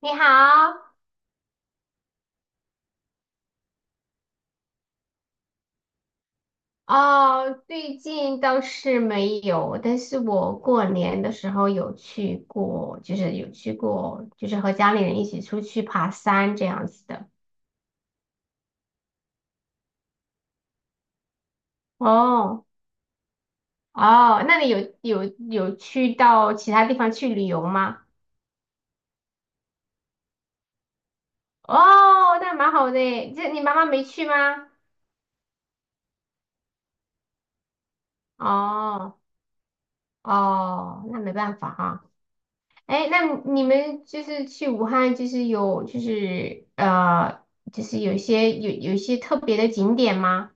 你好。哦，最近倒是没有，但是我过年的时候有去过，就是和家里人一起出去爬山这样子的。哦。哦，那你有去到其他地方去旅游吗？哦，那蛮好的耶，这你妈妈没去吗？哦。哦，那没办法哈。哎，那你们就是去武汉，就是有就是呃，就是有一些特别的景点吗？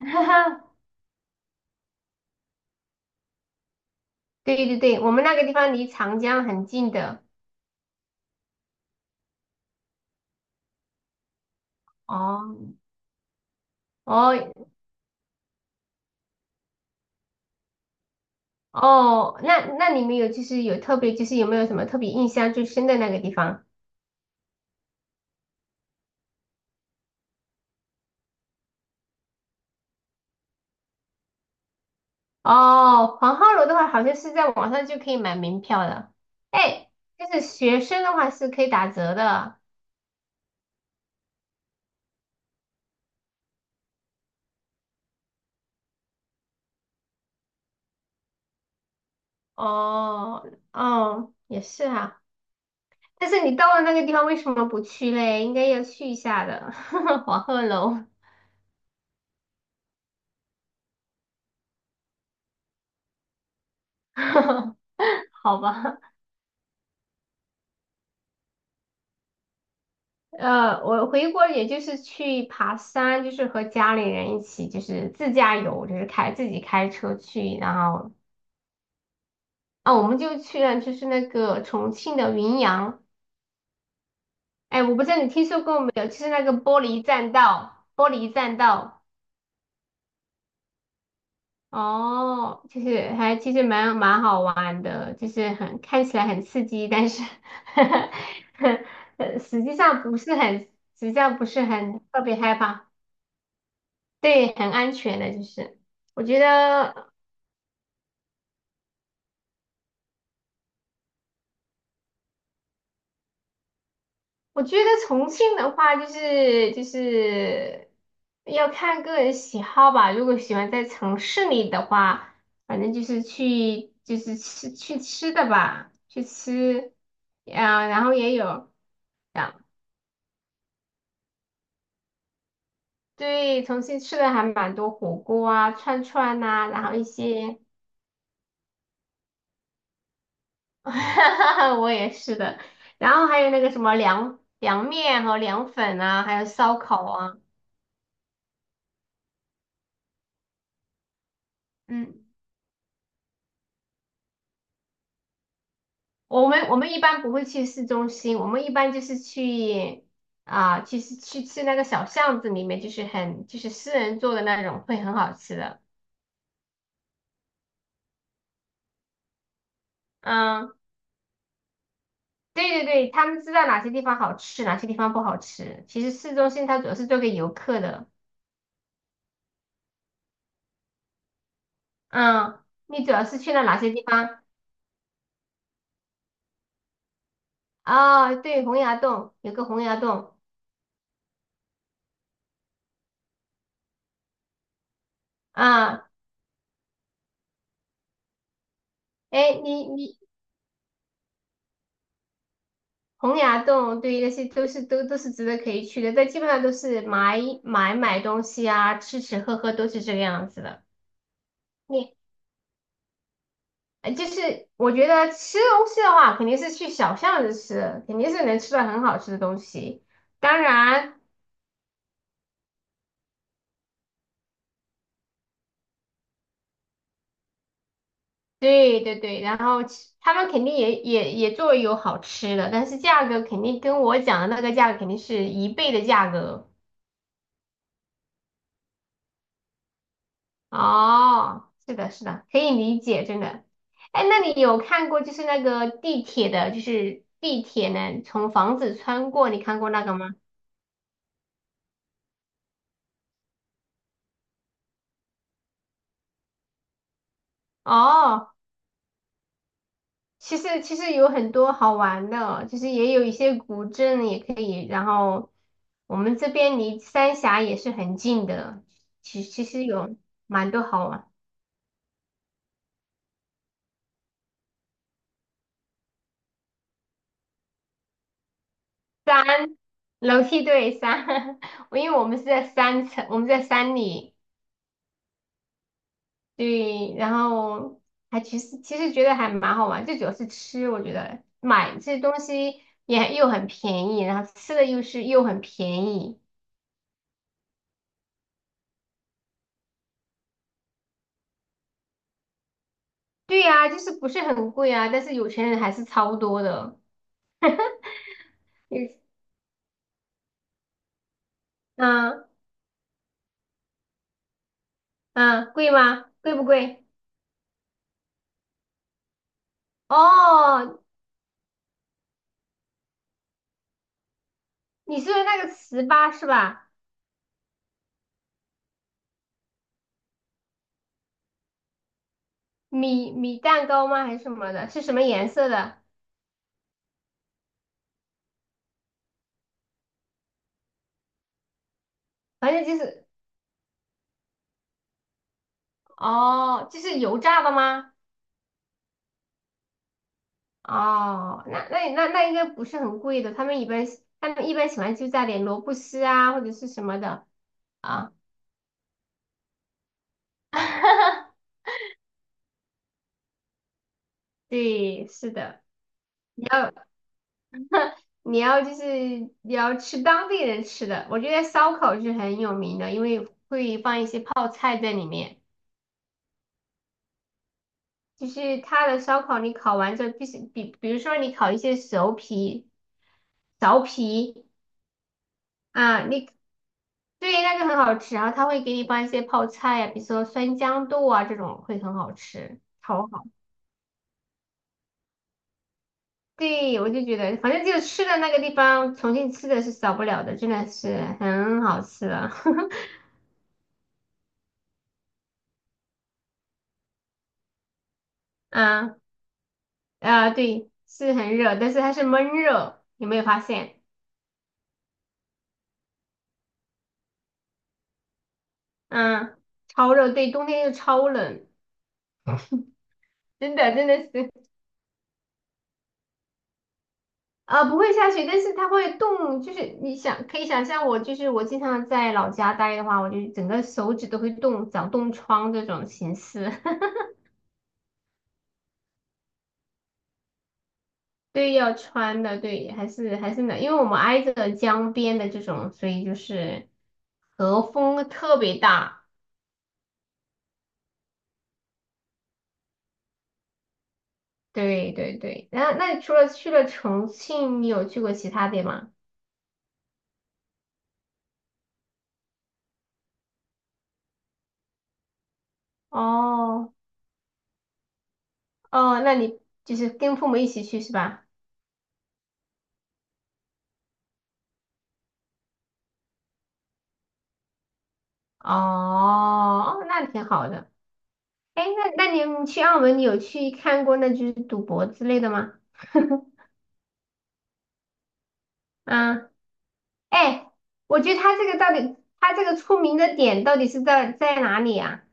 哈哈，对对对，我们那个地方离长江很近的。哦。哦哦，那那你们有没有什么特别印象最深的那个地方？哦，黄鹤楼的话，好像是在网上就可以买门票的。哎，就是学生的话是可以打折的。哦哦，也是哈。但是你到了那个地方，为什么不去嘞？应该要去一下的。黄鹤楼。好吧？我回国也就是去爬山，就是和家里人一起，就是自驾游，就是开自己开车去，然后我们就去了，就是那个重庆的云阳。哎，我不知道你听说过没有，就是那个玻璃栈道，玻璃栈道。哦，其实蛮好玩的，就是看起来很刺激，但是 呃实际上不是很，实际上不是很特别害怕。对，很安全的，就是我觉得，我觉得重庆的话，就是要看个人喜好吧。如果喜欢在城市里的话，反正去吃的吧，然后也有。对，重庆吃的还蛮多火锅啊、串串呐、然后一些，我也是的，然后还有那个什么凉面和凉粉啊，还有烧烤啊。嗯，我们一般不会去市中心，我们一般就是去啊，去去去那个小巷子里面，就是很就是私人做的那种，会很好吃的。嗯，对对对，他们知道哪些地方好吃，哪些地方不好吃。其实市中心它主要是做给游客的。嗯，你主要是去了哪些地方？哦，对，洪崖洞。有个洪崖洞啊。哎，你洪崖洞，对，那些都是值得可以去的，但基本上都是买买买东西啊，吃吃喝喝都是这个样子的。你就是我觉得吃东西的话，肯定是去小巷子吃，肯定是能吃到很好吃的东西。当然。对对对，然后其他们肯定也做有好吃的，但是价格肯定跟我讲的那个价格肯定是一倍的价格。哦，是的，是的，可以理解，真的。哎，那你有看过就是那个地铁的，就是地铁呢从房子穿过，你看过那个吗？哦，其实有很多好玩的哦，就是也有一些古镇也可以，然后我们这边离三峡也是很近的，其实有蛮多好玩。山。楼梯对山。因为我们是在三层，我们在山里。对，然后还其实其实觉得还蛮好玩，最主要是吃，我觉得买这些东西也又很便宜，然后吃的又很便宜。对呀，就是不是很贵啊，但是有钱人还是超多的。嗯嗯嗯，贵吗？贵不贵？哦，你说的那个糍粑是吧？米米蛋糕吗？还是什么的？是什么颜色的？反正就是。哦，这是油炸的吗？哦，那应该不是很贵的，他们一般喜欢就加点萝卜丝啊或者是什么的啊。对，是的，你要你要吃当地人吃的，我觉得烧烤是很有名的，因为会放一些泡菜在里面。就是他的烧烤，你烤完之后必须比，比如说你烤一些熟皮、苕皮啊。对，那个很好吃，然后他会给你放一些泡菜呀、比如说酸豇豆啊这种，会很好吃，超好。对，我就觉得，反正就是吃的那个地方，重庆吃的是少不了的，真的是很好吃的。嗯啊，对，是很热，但是它是闷热，有没有发现？嗯，超热，对，冬天又超冷，真的真的是。啊，不会下雪，但是它会冻，就是可以想象我，就是我经常在老家待的话，我就整个手指都会冻，长冻疮这种形式。对，要穿的，对，还是冷，因为我们挨着江边的这种，所以就是和风特别大。对对对，然后那你除了去了重庆，你有去过其他地吗？哦哦，那你就是跟父母一起去是吧？哦，那挺好的。哎，那你去澳门，你有去看过那就是赌博之类的吗？嗯，哎，我觉得他这个到底，他这个出名的点到底是在哪里啊？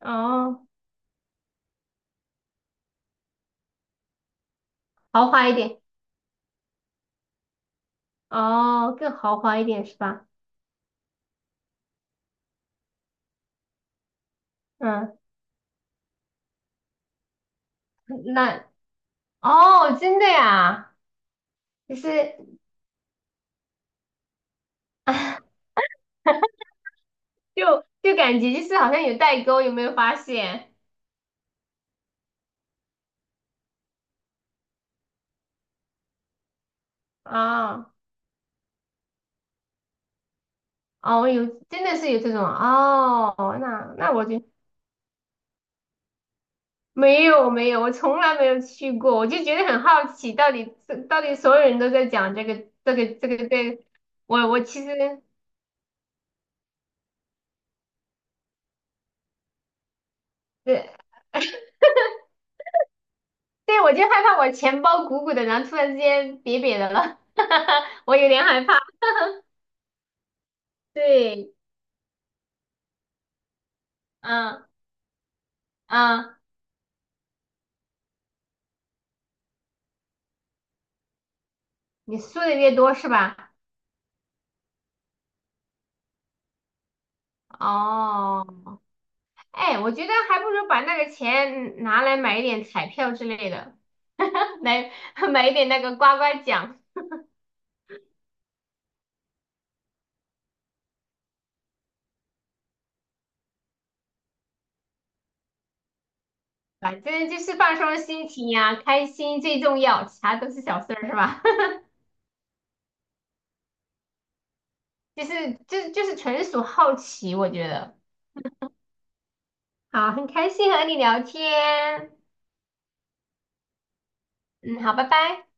哦，豪华一点，哦，更豪华一点是吧？嗯，那哦，真的呀，就是 就感觉就是好像有代沟，有没有发现？哦哦，有，真的是有这种哦，那我就没有没有，我从来没有去过，我就觉得很好奇，到底所有人都在讲这个，我其实。对对，我就害怕我钱包鼓鼓的，然后突然之间瘪瘪的了。我有点害怕。对，嗯嗯，你输的越多是吧？哦，哎，我觉得还不如把那个钱拿来买一点彩票之类的。来买一点那个刮刮奖。反正就是放松心情呀、开心最重要，其他都是小事儿，是吧？就是纯属好奇，我觉得。好，很开心和你聊天，嗯，好，拜拜。